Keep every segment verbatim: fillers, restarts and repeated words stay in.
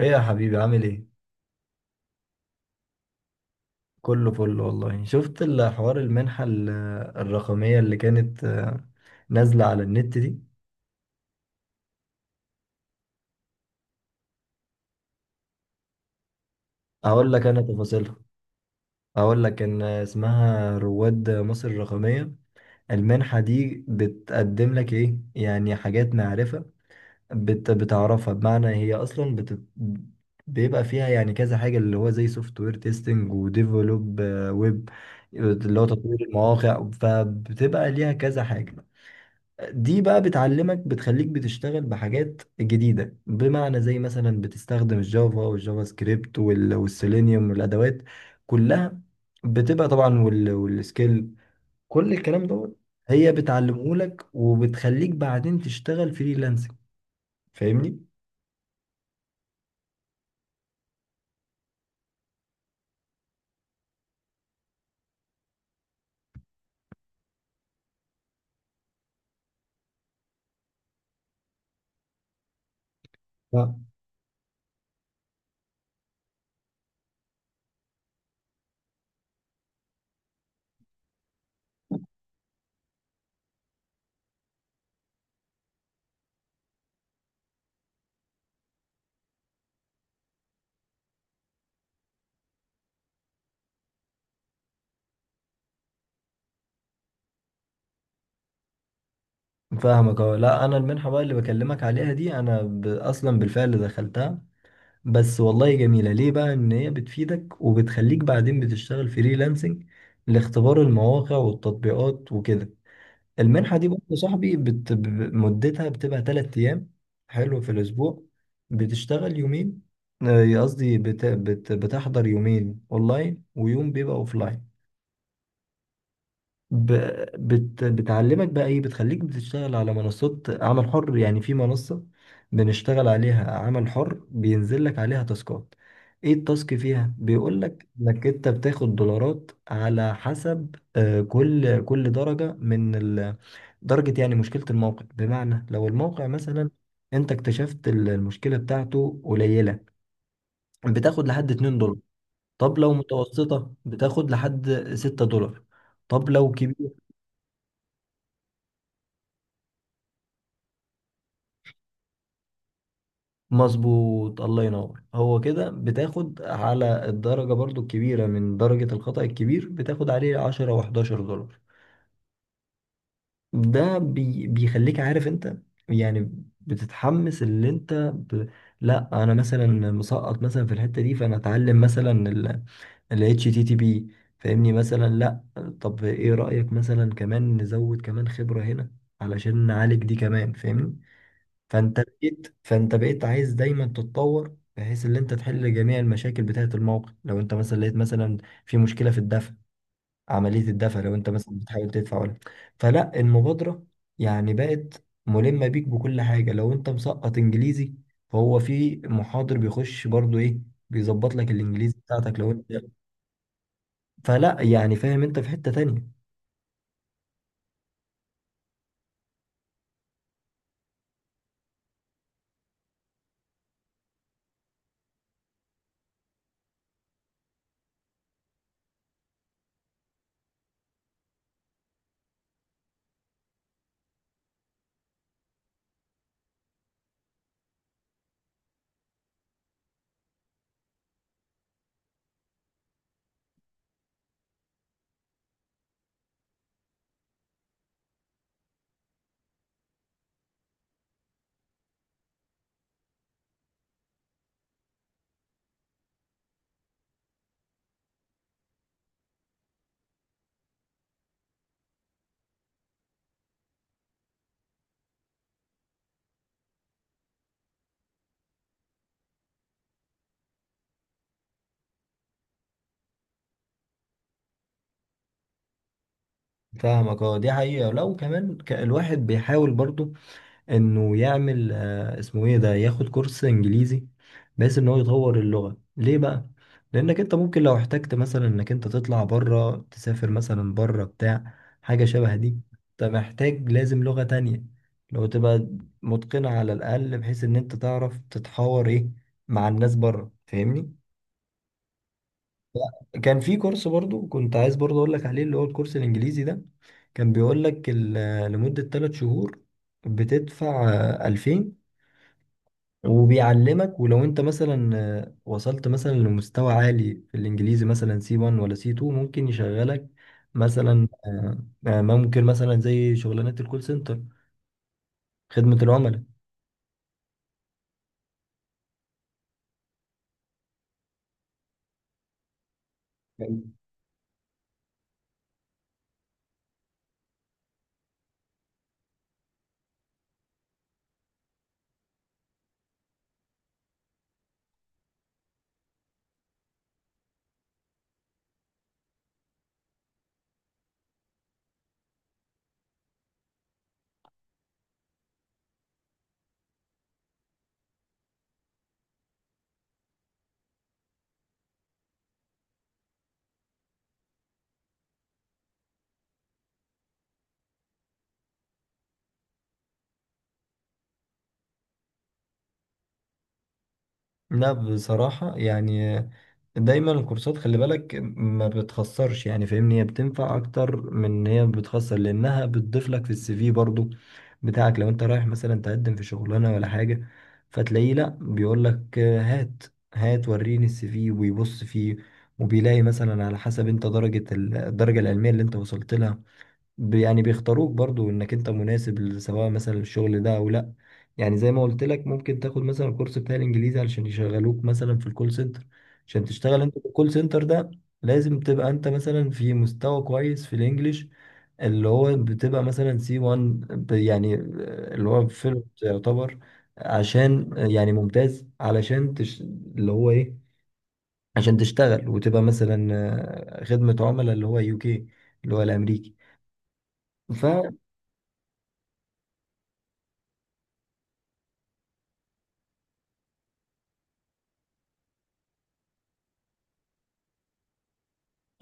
ايه يا حبيبي، عامل ايه؟ كله فل والله. شفت الحوار المنحة ال- الرقمية اللي كانت آه، نازلة على النت دي؟ اقول لك انا تفاصيلها. اقول لك ان اسمها رواد مصر الرقمية. المنحة دي بتقدم لك ايه؟ يعني حاجات معرفة، بت بتعرفها. بمعنى هي اصلا بت بيبقى فيها يعني كذا حاجة، اللي هو زي سوفت وير تيستنج وديفلوب ويب، اللي هو تطوير المواقع، فبتبقى ليها كذا حاجة. دي بقى بتعلمك، بتخليك بتشتغل بحاجات جديدة. بمعنى زي مثلا بتستخدم الجافا والجافا سكريبت وال- والسيلينيوم والأدوات كلها، بتبقى طبعا وال- والسكيل، كل الكلام دوت. هي بتعلمهولك وبتخليك بعدين تشتغل فريلانسنج. فاهمني؟ ف- فاهمك. اه، لا، انا المنحة بقى اللي بكلمك عليها دي انا ب... اصلا بالفعل دخلتها. بس والله جميلة ليه، بقى ان هي بتفيدك وبتخليك بعدين بتشتغل فريلانسنج لاختبار المواقع والتطبيقات وكده. المنحة دي برضه يا صاحبي بت... ب- مدتها بتبقى تلات ايام. حلو، في الاسبوع بتشتغل يومين، آه، قصدي بت... بت... بتحضر يومين اونلاين ويوم بيبقى اوفلاين. ب... بت... بتعلمك بقى ايه، بتخليك بتشتغل على منصات عمل حر. يعني في منصة بنشتغل عليها عمل حر، بينزل لك عليها تاسكات. ايه التاسك فيها؟ بيقول لك انك انت بتاخد دولارات على حسب، آه، كل كل درجة من ال... درجة. يعني مشكلة الموقع، بمعنى لو الموقع مثلا انت اكتشفت ال- المشكلة بتاعته قليلة، بتاخد لحد اتنين دولار. طب لو متوسطة بتاخد لحد ستة دولار. طب لو كبيرة، مظبوط، الله ينور. هو كده بتاخد على الدرجة برضو الكبيرة، من درجة الخطأ الكبير بتاخد عليه عشرة و حداشر دولار. ده بي بيخليك عارف انت يعني، بتتحمس. اللي انت ب... لا، انا مثلا مسقط مثلا في الحتة دي، فانا اتعلم مثلا ال اتش تي تي بي، فاهمني؟ مثلا لا. طب ايه رأيك مثلا كمان نزود كمان خبرة هنا علشان نعالج دي كمان، فاهمني؟ فانت بقيت فانت بقيت عايز دايما تتطور، بحيث ان انت تحل جميع المشاكل بتاعه الموقع. لو انت مثلا لقيت مثلا في مشكله في الدفع، عمليه الدفع، لو انت مثلا بتحاول تدفع ولا، فلا المبادره يعني بقت ملمه بيك بكل حاجه. لو انت مسقط انجليزي، فهو في محاضر بيخش برضو ايه، بيظبط لك الانجليزي بتاعتك. لو انت فلا يعني فاهم انت في حته تانية. فاهمك. اه دي حقيقه. لو كمان ك- الواحد بيحاول برضو انه يعمل آه، اسمه ايه ده، ياخد كورس انجليزي بحيث ان هو يطور اللغة ليه بقى. لانك انت ممكن لو احتجت مثلا انك انت تطلع بره، تسافر مثلا بره بتاع حاجة شبه دي، انت محتاج، لازم لغة تانية، لو تبقى متقنة على الاقل، بحيث ان انت تعرف تتحاور ايه مع الناس بره، فاهمني؟ كان في كورس برضو كنت عايز برضو اقول لك عليه، اللي هو الكورس الانجليزي ده، كان بيقول لك ال- آه، لمدة ثلاثة شهور بتدفع ألفين، وبيعلمك. ولو انت مثلا آه، وصلت مثلا لمستوى عالي في الانجليزي، مثلا سي واحد ولا سي اتنين، ممكن يشغلك مثلا، آه، آه، ممكن مثلا زي شغلانات الكول سنتر، خدمة العملاء. لا بصراحة يعني، دايما الكورسات خلي بالك ما بتخسرش، يعني فاهمني، هي بتنفع اكتر من ان هي بتخسر، لانها بتضيف لك في السي في برضو بتاعك. لو انت رايح مثلا تقدم في شغلانة ولا حاجة، فتلاقيه لا بيقول لك هات، هات وريني السي في، ويبص فيه، وبيلاقي مثلا على حسب انت درجة ال- الدرجة العلمية اللي انت وصلت لها، ب- يعني بيختاروك برضو انك انت مناسب، سواء مثلا الشغل ده او لا. يعني زي ما قلت لك، ممكن تاخد مثلا الكورس بتاع الانجليزي علشان يشغلوك مثلا في الكول سنتر. عشان تشتغل انت في الكول سنتر ده، لازم تبقى انت مثلا في مستوى كويس في الانجليش، اللي هو بتبقى مثلا سي واحد يعني، اللي هو فيلم يعتبر، عشان يعني ممتاز. علشان تش... اللي هو ايه، عشان تشتغل وتبقى مثلا آه، خدمة عملاء، اللي هو يو كي، اللي هو الامريكي.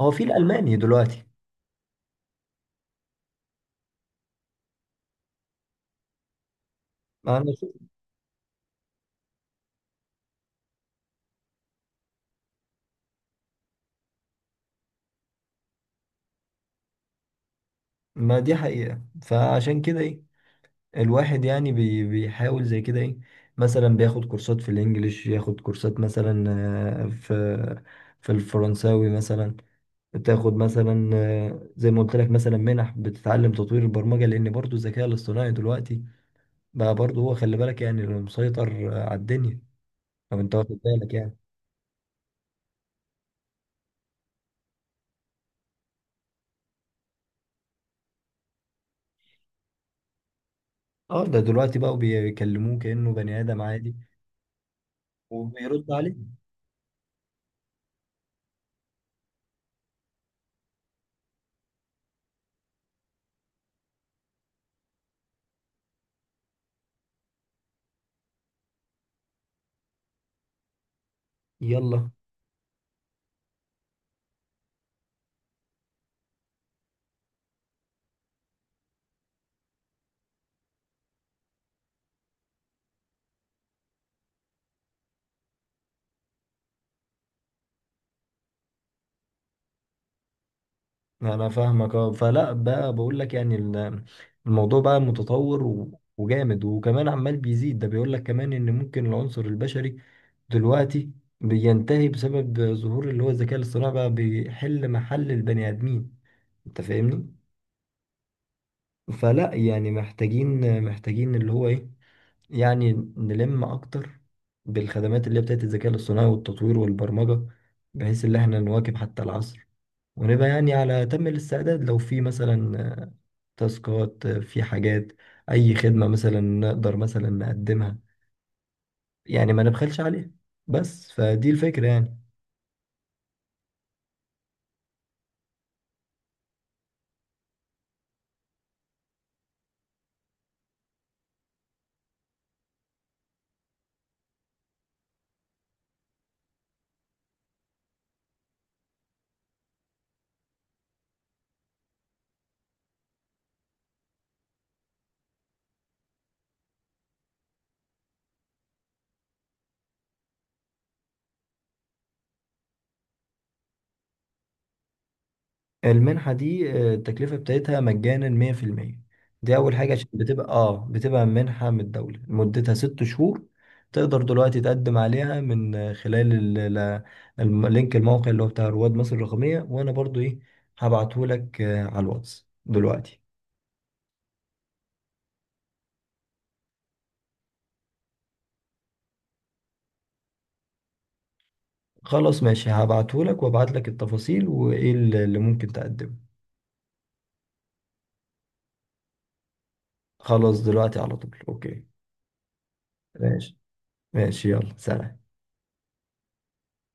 هو في الألماني دلوقتي. ما أنا شو- ما دي حقيقة، فعشان كده إيه، الواحد يعني بي بيحاول زي كده إيه، مثلا بياخد كورسات في الإنجليش، ياخد كورسات مثلا آه، في في الفرنساوي مثلا. تاخد مثلا آه، زي ما قلت لك مثلا منح بتتعلم تطوير البرمجة، لأن برضو الذكاء الاصطناعي دلوقتي بقى برضو هو، خلي بالك يعني اللي مسيطر آه، على الدنيا، لو أنت واخد بالك يعني. اه ده دلوقتي بقوا بيكلموه كأنه بني آدم عادي وبيرد عليه. يلا. انا فاهمك. اه فلا بقى، بقول لك يعني ال- الموضوع بقى متطور و- وجامد، وكمان عمال بيزيد. ده بيقول لك كمان ان ممكن العنصر البشري دلوقتي بينتهي بسبب ظهور اللي هو الذكاء الاصطناعي، بقى بيحل محل البني ادمين. انت فاهمني؟ فلا يعني محتاجين محتاجين اللي هو ايه يعني، نلم اكتر بالخدمات اللي هي بتاعت الذكاء الاصطناعي والتطوير والبرمجة، بحيث ان احنا نواكب حتى العصر، ونبقى يعني على أتم الاستعداد. لو في مثلا تاسكات، في حاجات، اي خدمة مثلا نقدر مثلا نقدمها، يعني ما نبخلش عليها. بس فدي الفكرة يعني. المنحة دي آه، التكلفة بتاعتها مجانا مية بالمية. دي اول حاجة، عشان بتبقى اه بتبقى منحة من الدولة، مدتها ست شهور. تقدر دلوقتي تقدم عليها من آه، خلال ال- ال- الم- لينك الموقع اللي هو بتاع رواد مصر الرقمية. وانا برضو ايه هبعتهولك آه، على الواتس دلوقتي. خلاص ماشي، هبعتهولك وابعتلك التفاصيل وايه اللي اللي ممكن تقدمه. خلاص دلوقتي على طول. اوكي، ماشي. ماشي يلا، سلام.